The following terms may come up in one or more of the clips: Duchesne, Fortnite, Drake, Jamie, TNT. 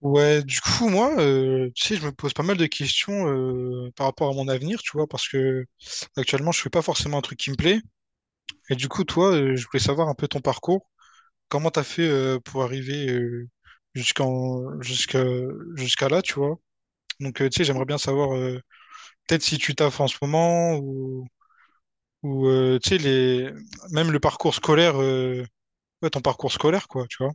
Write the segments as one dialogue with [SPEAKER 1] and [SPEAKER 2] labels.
[SPEAKER 1] Ouais, du coup, moi, tu sais, je me pose pas mal de questions par rapport à mon avenir, tu vois, parce que actuellement, je fais pas forcément un truc qui me plaît. Et du coup, toi, je voulais savoir un peu ton parcours. Comment t'as fait pour arriver jusqu'en jusqu'à jusqu'à là, tu vois. Donc, tu sais, j'aimerais bien savoir peut-être si tu taffes en ce moment ou tu sais les même le parcours scolaire, ouais, ton parcours scolaire, quoi, tu vois.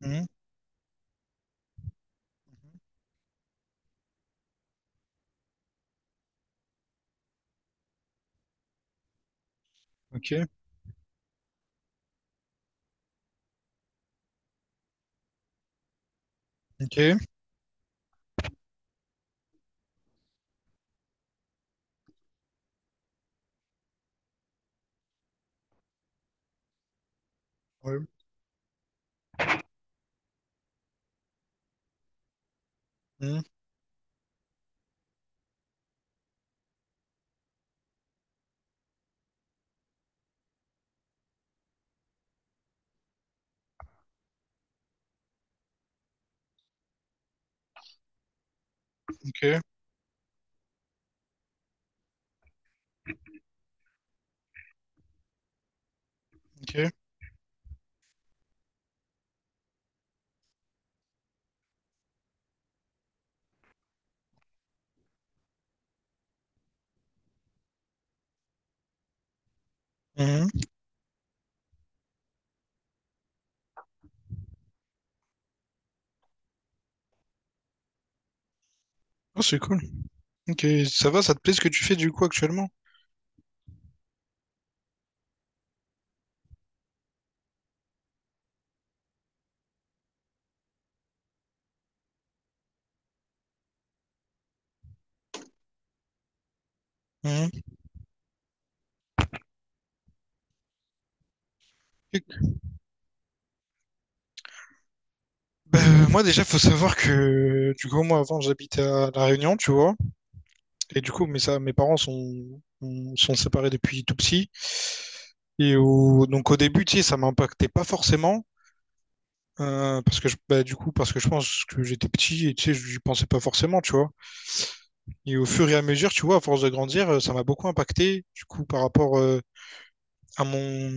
[SPEAKER 1] Mhm, ok, ok, ouais, mhm, ok, ok. Mhm. Oh, c'est cool. Ok, ça va, ça te plaît ce que tu fais du coup actuellement? Mhm. Ok. Bah, moi déjà, faut savoir que du coup, moi avant, j'habitais à La Réunion, tu vois, et du coup, mes parents sont séparés depuis tout petit. Et donc au début, tu sais, ça m'impactait pas forcément, parce que je, bah, du coup, parce que je pense que j'étais petit et tu sais, j'y pensais pas forcément, tu vois. Et au fur et à mesure, tu vois, à force de grandir, ça m'a beaucoup impacté, du coup, par rapport à mon,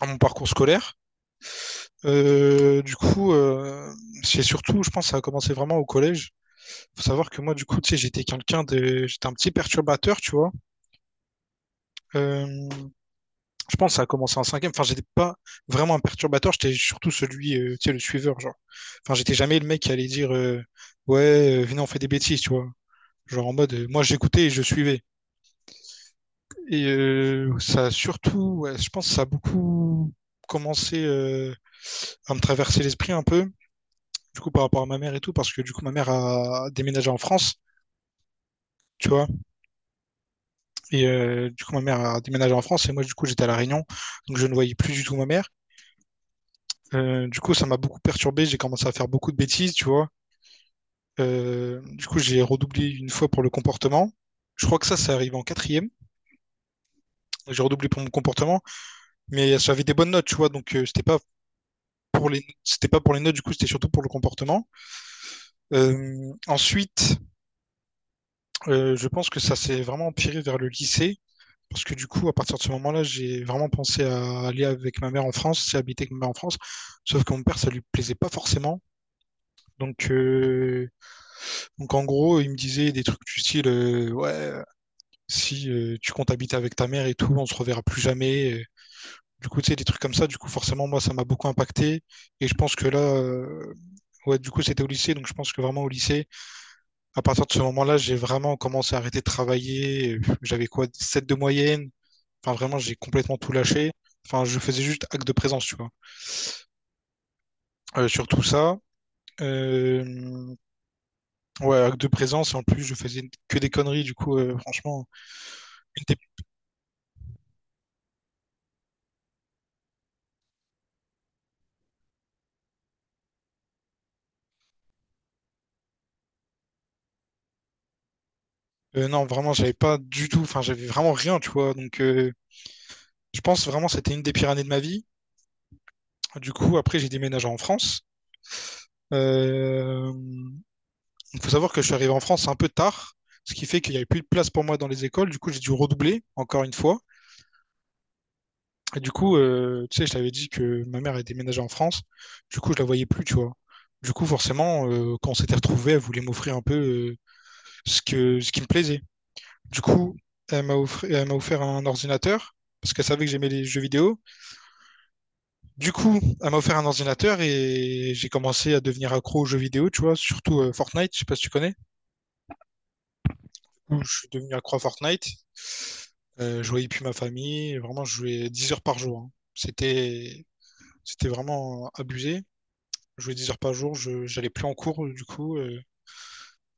[SPEAKER 1] à mon parcours scolaire. Du coup, c'est surtout, je pense, ça a commencé vraiment au collège. Faut savoir que moi, du coup, tu sais, j'étais un petit perturbateur, tu vois. Euh, je pense que ça a commencé en cinquième. Enfin, j'étais pas vraiment un perturbateur. J'étais surtout celui, tu sais, le suiveur, genre. Enfin, j'étais jamais le mec qui allait dire, ouais, venez, on fait des bêtises, tu vois. Genre en mode, moi, j'écoutais et je suivais. Et ça a surtout, ouais, je pense, que ça a beaucoup commencé à me traverser l'esprit un peu du coup, par rapport à ma mère et tout, parce que du coup, ma mère a déménagé en France, tu vois. Et du coup, ma mère a déménagé en France et moi, du coup, j'étais à La Réunion, donc je ne voyais plus du tout ma mère. Du coup, ça m'a beaucoup perturbé, j'ai commencé à faire beaucoup de bêtises, tu vois. Du coup, j'ai redoublé une fois pour le comportement. Je crois que ça arrive en quatrième. J'ai redoublé pour mon comportement, mais ça avait des bonnes notes, tu vois. Donc, c'était pas pour les notes, du coup, c'était surtout pour le comportement. Ensuite, je pense que ça s'est vraiment empiré vers le lycée. Parce que du coup, à partir de ce moment-là, j'ai vraiment pensé à aller avec ma mère en France, c'est habiter avec ma mère en France. Sauf que mon père, ça lui plaisait pas forcément. Donc, euh, donc, en gros, il me disait des trucs du style Ouais, si tu comptes habiter avec ta mère et tout, on se reverra plus jamais. Du coup, tu sais, des trucs comme ça, du coup, forcément, moi, ça m'a beaucoup impacté. Et je pense que là, ouais, du coup, c'était au lycée, donc je pense que vraiment au lycée, à partir de ce moment-là, j'ai vraiment commencé à arrêter de travailler. J'avais quoi, 7 de moyenne. Enfin, vraiment, j'ai complètement tout lâché. Enfin, je faisais juste acte de présence, tu vois. Sur tout ça. Euh, ouais, acte de présence. Et en plus, je faisais que des conneries, du coup, franchement. une des- non, vraiment, j'avais pas du tout. Enfin, j'avais vraiment rien, tu vois. Donc, je pense vraiment que c'était une des pires années de ma vie. Du coup, après, j'ai déménagé en France. Euh, Il faut savoir que je suis arrivé en France un peu tard, ce qui fait qu'il n'y avait plus de place pour moi dans les écoles. Du coup, j'ai dû redoubler, encore une fois. Et du coup, tu sais, je t'avais dit que ma mère est déménagée en France. Du coup, je la voyais plus, tu vois. Du coup, forcément, quand on s'était retrouvés, elle voulait m'offrir un peu ce que, ce qui me plaisait. Du coup, elle elle m'a offert un ordinateur parce qu'elle savait que j'aimais les jeux vidéo. Du coup, elle m'a offert un ordinateur et j'ai commencé à devenir accro aux jeux vidéo, tu vois, surtout Fortnite, je sais pas si tu connais. Du coup, je suis devenu accro à Fortnite. Je voyais plus ma famille. Vraiment, je jouais 10 heures par jour, hein. C'était, c'était vraiment abusé. Je jouais 10 heures par jour, je j'allais plus en cours du coup, euh,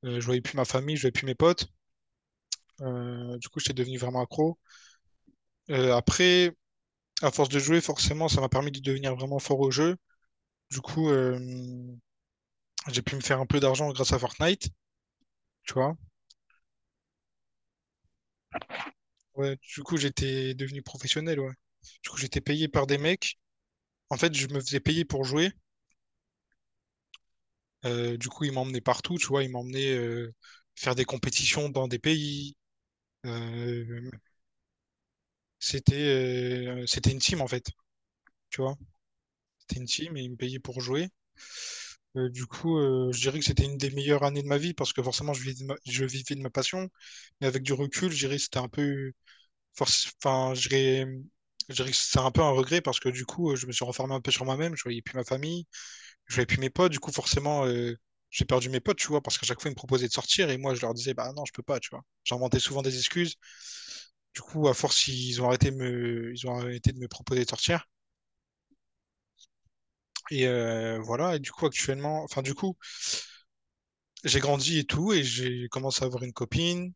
[SPEAKER 1] euh, je voyais plus ma famille, je voyais plus mes potes. Du coup, j'étais devenu vraiment accro. Après, à force de jouer, forcément, ça m'a permis de devenir vraiment fort au jeu. Du coup, j'ai pu me faire un peu d'argent grâce à Fortnite, tu vois. Ouais, du coup, j'étais devenu professionnel, ouais. Du coup, j'étais payé par des mecs. En fait, je me faisais payer pour jouer. Du coup, ils m'emmenaient partout, tu vois. Ils m'emmenaient faire des compétitions dans des pays. Euh, c'était c'était une team, en fait, tu vois. TNT, mais ils me payaient pour jouer. Du coup, je dirais que c'était une des meilleures années de ma vie parce que forcément, je vivais de ma passion. Mais avec du recul, je dirais que c'était un peu. Enfin, je dirais que c'est un peu un regret parce que du coup, je me suis renfermé un peu sur moi-même. Je voyais plus ma famille, je voyais plus mes potes. Du coup, forcément, j'ai perdu mes potes, tu vois, parce qu'à chaque fois, ils me proposaient de sortir et moi, je leur disais, bah non, je peux pas, tu vois. J'inventais souvent des excuses. Du coup, à force, ils ont arrêté de me proposer de sortir. Et voilà. Et du coup, actuellement, enfin, du coup, j'ai grandi et tout, et j'ai commencé à avoir une copine.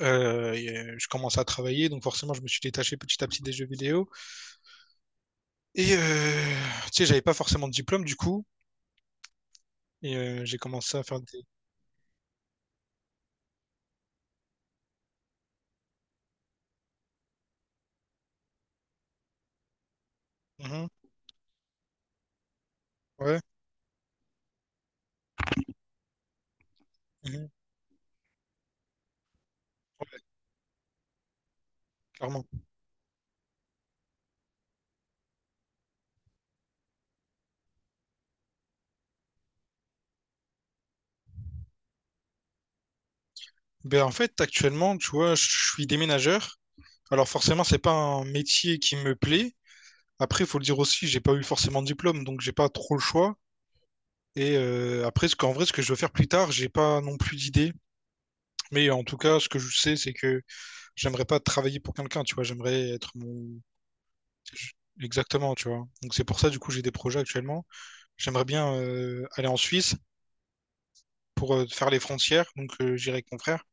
[SPEAKER 1] Je commençais à travailler, donc forcément, je me suis détaché petit à petit des jeux vidéo. Et tu sais, j'avais pas forcément de diplôme du coup, et j'ai commencé à faire des. Mhm, ouais, mhm, ouais, clairement. Ben, en fait, actuellement, tu vois, je suis déménageur. Alors forcément, c'est pas un métier qui me plaît. Après, faut le dire aussi, j'ai pas eu forcément de diplôme, donc j'ai pas trop le choix. Et après, ce qu'en vrai, ce que je veux faire plus tard, j'ai pas non plus d'idée. Mais en tout cas, ce que je sais, c'est que j'aimerais pas travailler pour quelqu'un, tu vois, j'aimerais être mon... je- Exactement, tu vois. Donc c'est pour ça, du coup, j'ai des projets actuellement. J'aimerais bien aller en Suisse pour faire les frontières, donc j'irai avec mon frère.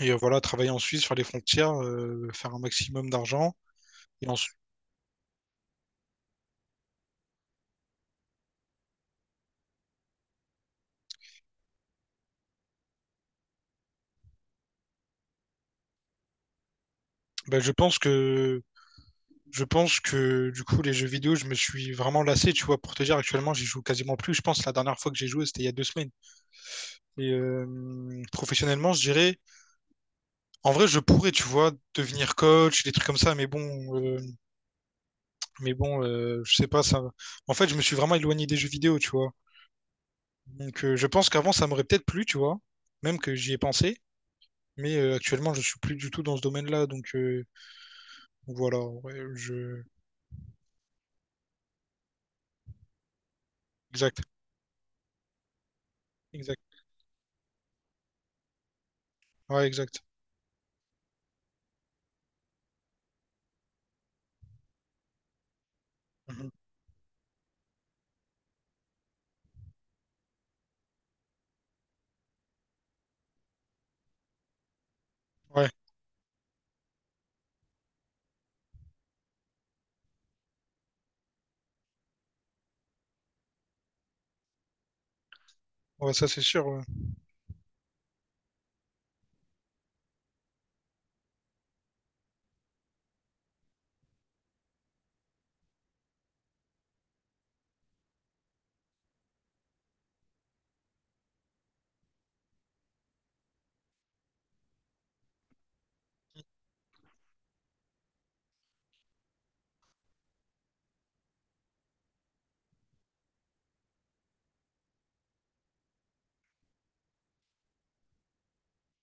[SPEAKER 1] Et voilà, travailler en Suisse, faire les frontières, faire un maximum d'argent. Et ensuite, bah, je pense que... Je pense que du coup les jeux vidéo, je me suis vraiment lassé, tu vois, pour te dire actuellement, j'y joue quasiment plus. Je pense que la dernière fois que j'ai joué, c'était il y a 2 semaines. Et professionnellement, je dirais, en vrai, je pourrais, tu vois, devenir coach, des trucs comme ça, euh, je sais pas, ça. En fait, je me suis vraiment éloigné des jeux vidéo, tu vois. Donc, je pense qu'avant, ça m'aurait peut-être plu, tu vois. Même que j'y ai pensé. Mais actuellement, je suis plus du tout dans ce domaine-là. Donc, voilà. Ouais, je... Exact. Exact. Ouais, exact. Mhm. Ouais. Ouais, ça, c'est sûr. Ouais.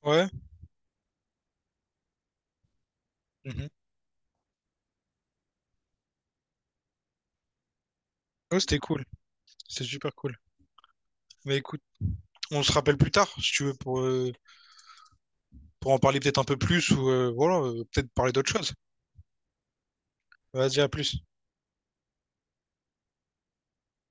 [SPEAKER 1] Ouais. Mhm. Ouais, c'était cool. C'était super cool. Mais écoute, on se rappelle plus tard, si tu veux, pour en parler peut-être un peu plus ou voilà, peut-être parler d'autre chose. Vas-y, à plus.